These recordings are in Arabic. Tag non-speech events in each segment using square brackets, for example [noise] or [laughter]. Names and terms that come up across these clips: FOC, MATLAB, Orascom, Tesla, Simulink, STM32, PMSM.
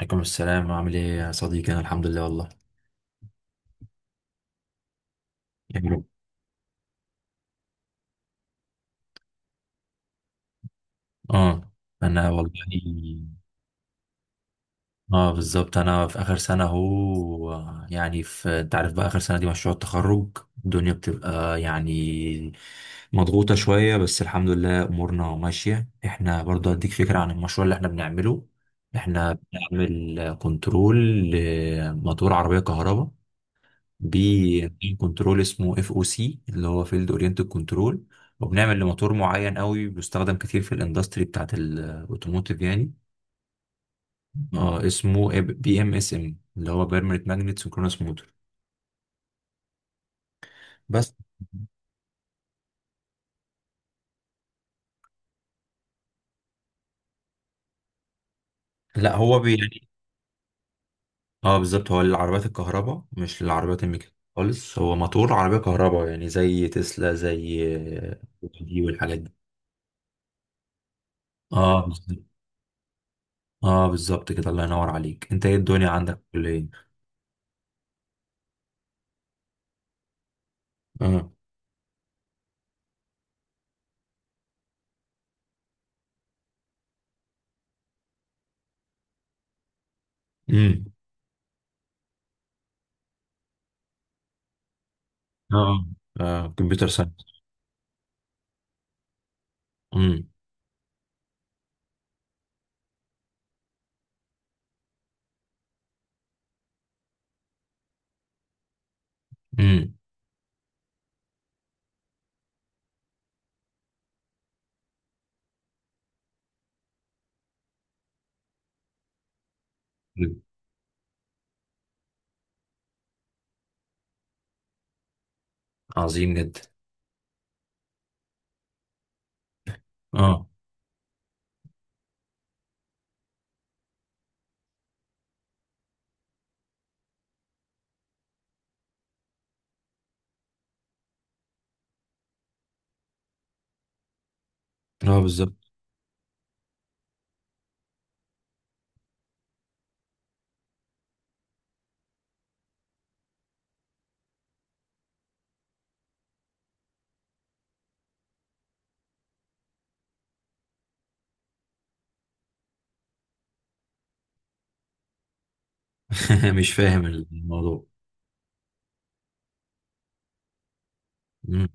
عليكم السلام، عامل ايه يا صديقي؟ انا الحمد لله والله. يا رب. اه. انا والله. اه بالظبط، انا في اخر سنه اهو. يعني في، انت عارف بقى، اخر سنه دي مشروع التخرج. الدنيا بتبقى يعني مضغوطه شويه، بس الحمد لله امورنا ماشيه. احنا برضه هديك فكره عن المشروع اللي احنا بنعمله. احنا بنعمل كنترول لموتور عربيه كهرباء. بي كنترول اسمه اف او سي، اللي هو فيلد اورينتد كنترول. وبنعمل لموتور معين قوي بيستخدم كتير في الاندستري بتاعت الاوتوموتيف يعني. اه، اسمه بي ام اس ام، اللي هو بيرمننت ماجنت سينكرونس موتور. بس. لا، هو يعني. اه بالظبط، هو للعربيات الكهرباء مش للعربيات الميكانيكية خالص. هو موتور عربية كهرباء، يعني زي تسلا، زي دي والحاجات دي. اه بالظبط. اه بالظبط كده، الله ينور عليك. انت ايه الدنيا عندك في الكلية؟ اه. امم. اه. اه، كمبيوتر ساينس. امم. امم. عظيم جدا. اه. اه بالظبط. [laughs] مش فاهم الموضوع. امم.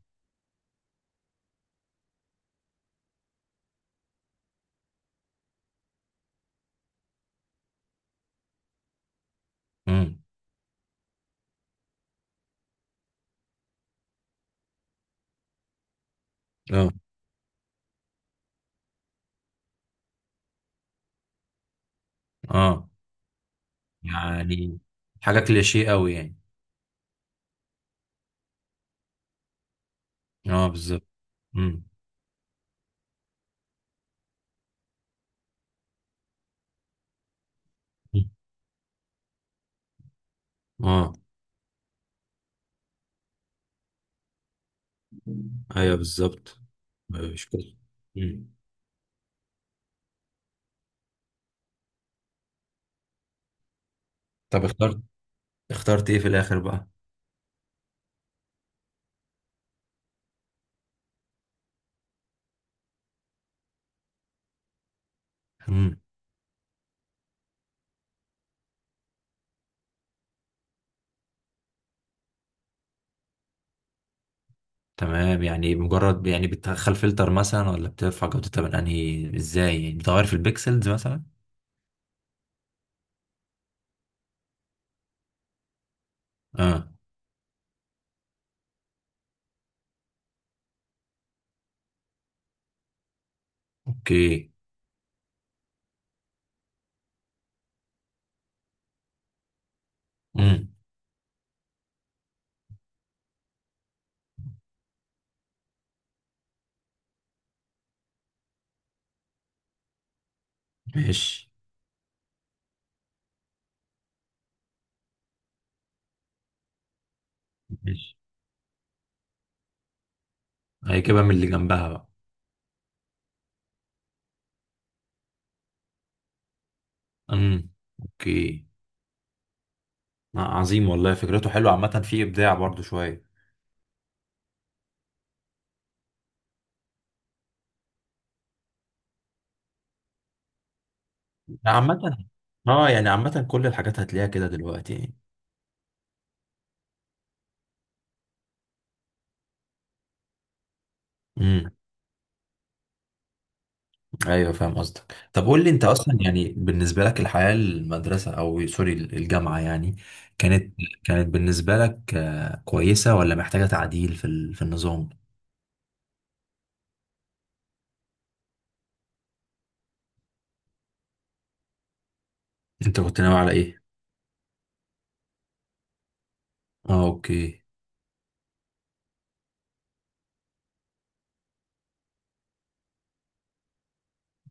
امم. اه. اه، يعني حاجه كليشيه قوي يعني. اه بالظبط. امم. اه. ايوه بالظبط. مش كده. امم. طب، اخترت ايه في الاخر بقى؟ امم. تمام، يعني مجرد يعني بتدخل فلتر مثلا، ولا بترفع جودتها من انهي ازاي؟ يعني بتغير في البيكسلز مثلا؟ اه. اوكي. امم. ماشي. ماشي، هيجيبها من اللي جنبها بقى. امم. اوكي. عظيم والله، فكرته حلوه، عامه في ابداع برضو شويه. عامه. اه يعني، عامه كل الحاجات هتلاقيها كده دلوقتي يعني. امم. ايوه، فاهم قصدك. طب قول لي، انت اصلا يعني بالنسبه لك الحياه المدرسه، او سوري، الجامعه يعني، كانت كانت بالنسبه لك كويسه، ولا محتاجه تعديل في النظام؟ انت كنت ناوي على ايه؟ اه، اوكي.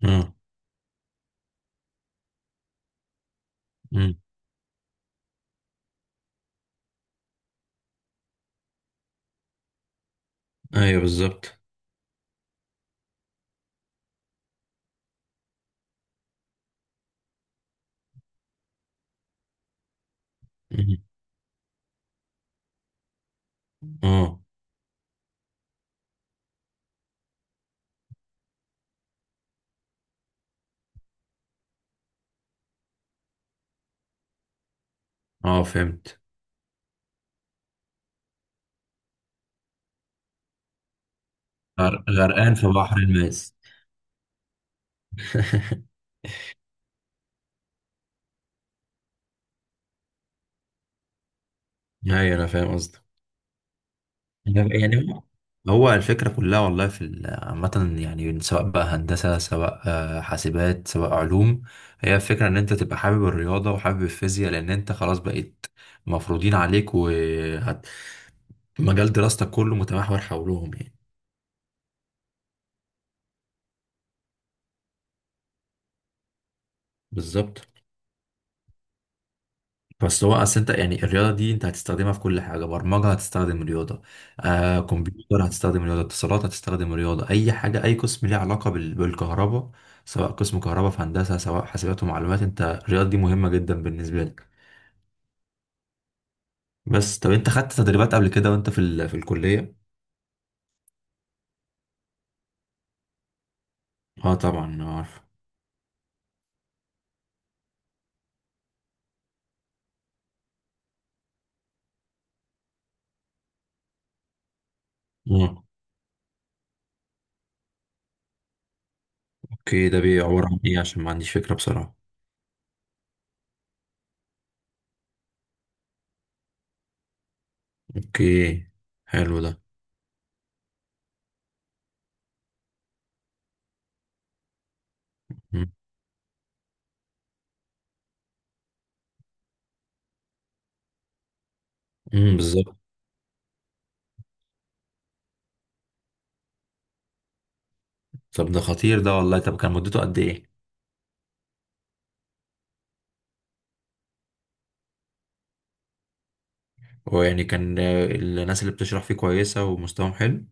اه. امم. ايوه بالظبط. مم. اه. اه، فهمت. غرقان في بحر الماس. [laughs] ايوه، انا فاهم قصدك. يعني هو هو الفكرة كلها والله عامة يعني، سواء بقى هندسة، سواء حاسبات، سواء علوم. هي الفكرة ان انت تبقى حابب الرياضة وحابب الفيزياء، لان انت خلاص بقيت مفروضين عليك، ومجال دراستك كله متمحور حولهم يعني. بالظبط. بس هو اصل انت يعني، الرياضه دي انت هتستخدمها في كل حاجه. برمجه هتستخدم رياضه، كمبيوتر هتستخدم رياضه، اتصالات هتستخدم رياضه، اي حاجه، اي قسم ليه علاقه بالكهرباء. سواء قسم كهرباء في هندسه، سواء حاسبات ومعلومات، انت الرياضه دي مهمه جدا بالنسبه لك. بس طب، انت خدت تدريبات قبل كده وانت في الكليه؟ اه طبعا عارف. اه اوكي، ده بيعبر عن ايه؟ عشان ما عنديش فكره بصراحه. اوكي، حلو ده. امم، بالظبط. طب ده خطير ده والله. طب كان مدته قد ايه؟ هو يعني كان، الناس اللي بتشرح فيه كويسة ومستواهم حلو؟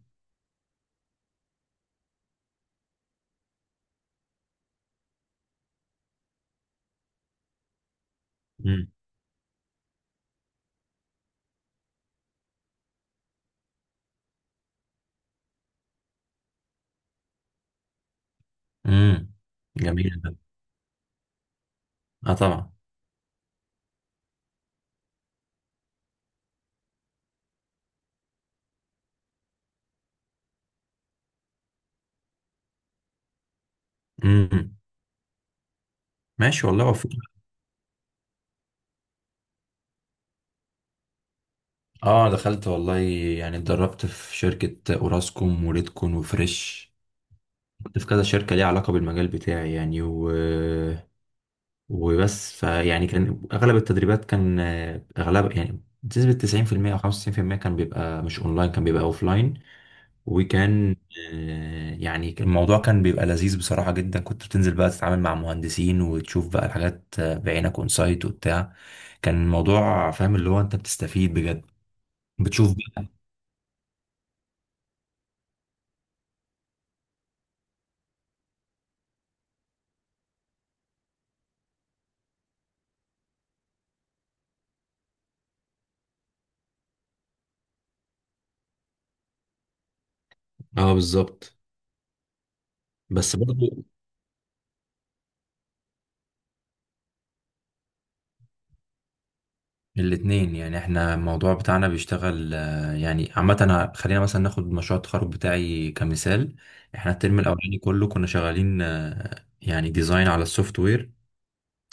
امم. امم. جميل ده. اه طبعا. امم. ماشي والله، وفق. اه دخلت والله، يعني اتدربت في شركة اوراسكوم وريدكون وفريش. كنت في كذا شركة ليها علاقة بالمجال بتاعي يعني وبس. فيعني كان اغلب التدريبات كان اغلب يعني بنسبة 90% او 95%، كان بيبقى مش اونلاين، كان بيبقى اوفلاين. وكان يعني الموضوع كان بيبقى لذيذ بصراحة جدا. كنت بتنزل بقى، تتعامل مع مهندسين وتشوف بقى الحاجات بعينك اونسايت وبتاع. كان الموضوع فاهم، اللي هو انت بتستفيد بجد. بتشوف بقى. اه بالظبط. بس برضه، الاتنين يعني. احنا الموضوع بتاعنا بيشتغل يعني عامة. خلينا مثلا ناخد مشروع التخرج بتاعي كمثال. احنا الترم الأولاني كله كنا شغالين يعني ديزاين على السوفت وير.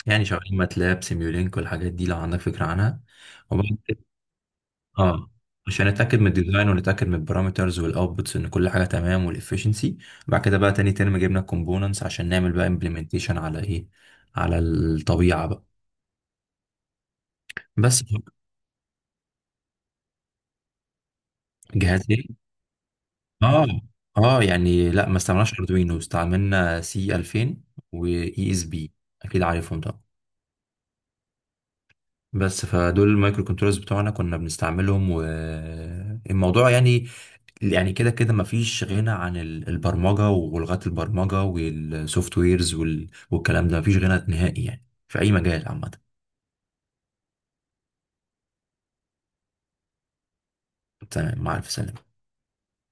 يعني شغالين ماتلاب سيميولينك والحاجات دي، لو عندك فكرة عنها. اه، عشان نتاكد من الديزاين ونتاكد من البارامترز والاوتبوتس ان كل حاجه تمام والافشنسي. بعد كده بقى تاني ترم جبنا الكومبوننتس عشان نعمل بقى امبلمنتيشن على ايه، على الطبيعه بقى. بس جهاز ايه؟ اه. اه يعني لا، ما استعملناش اردوينو، استعملنا سي 2000 واي اس بي، اكيد عارفهم طبعا. بس فدول المايكرو كنترولرز بتوعنا كنا بنستعملهم، والموضوع يعني، يعني كده كده مفيش غنى البرمجة ولغات البرمجة والسوفت ويرز والكلام ده. مفيش غنى نهائي يعني في أي مجال عامة. أنت مع ألف سلامة.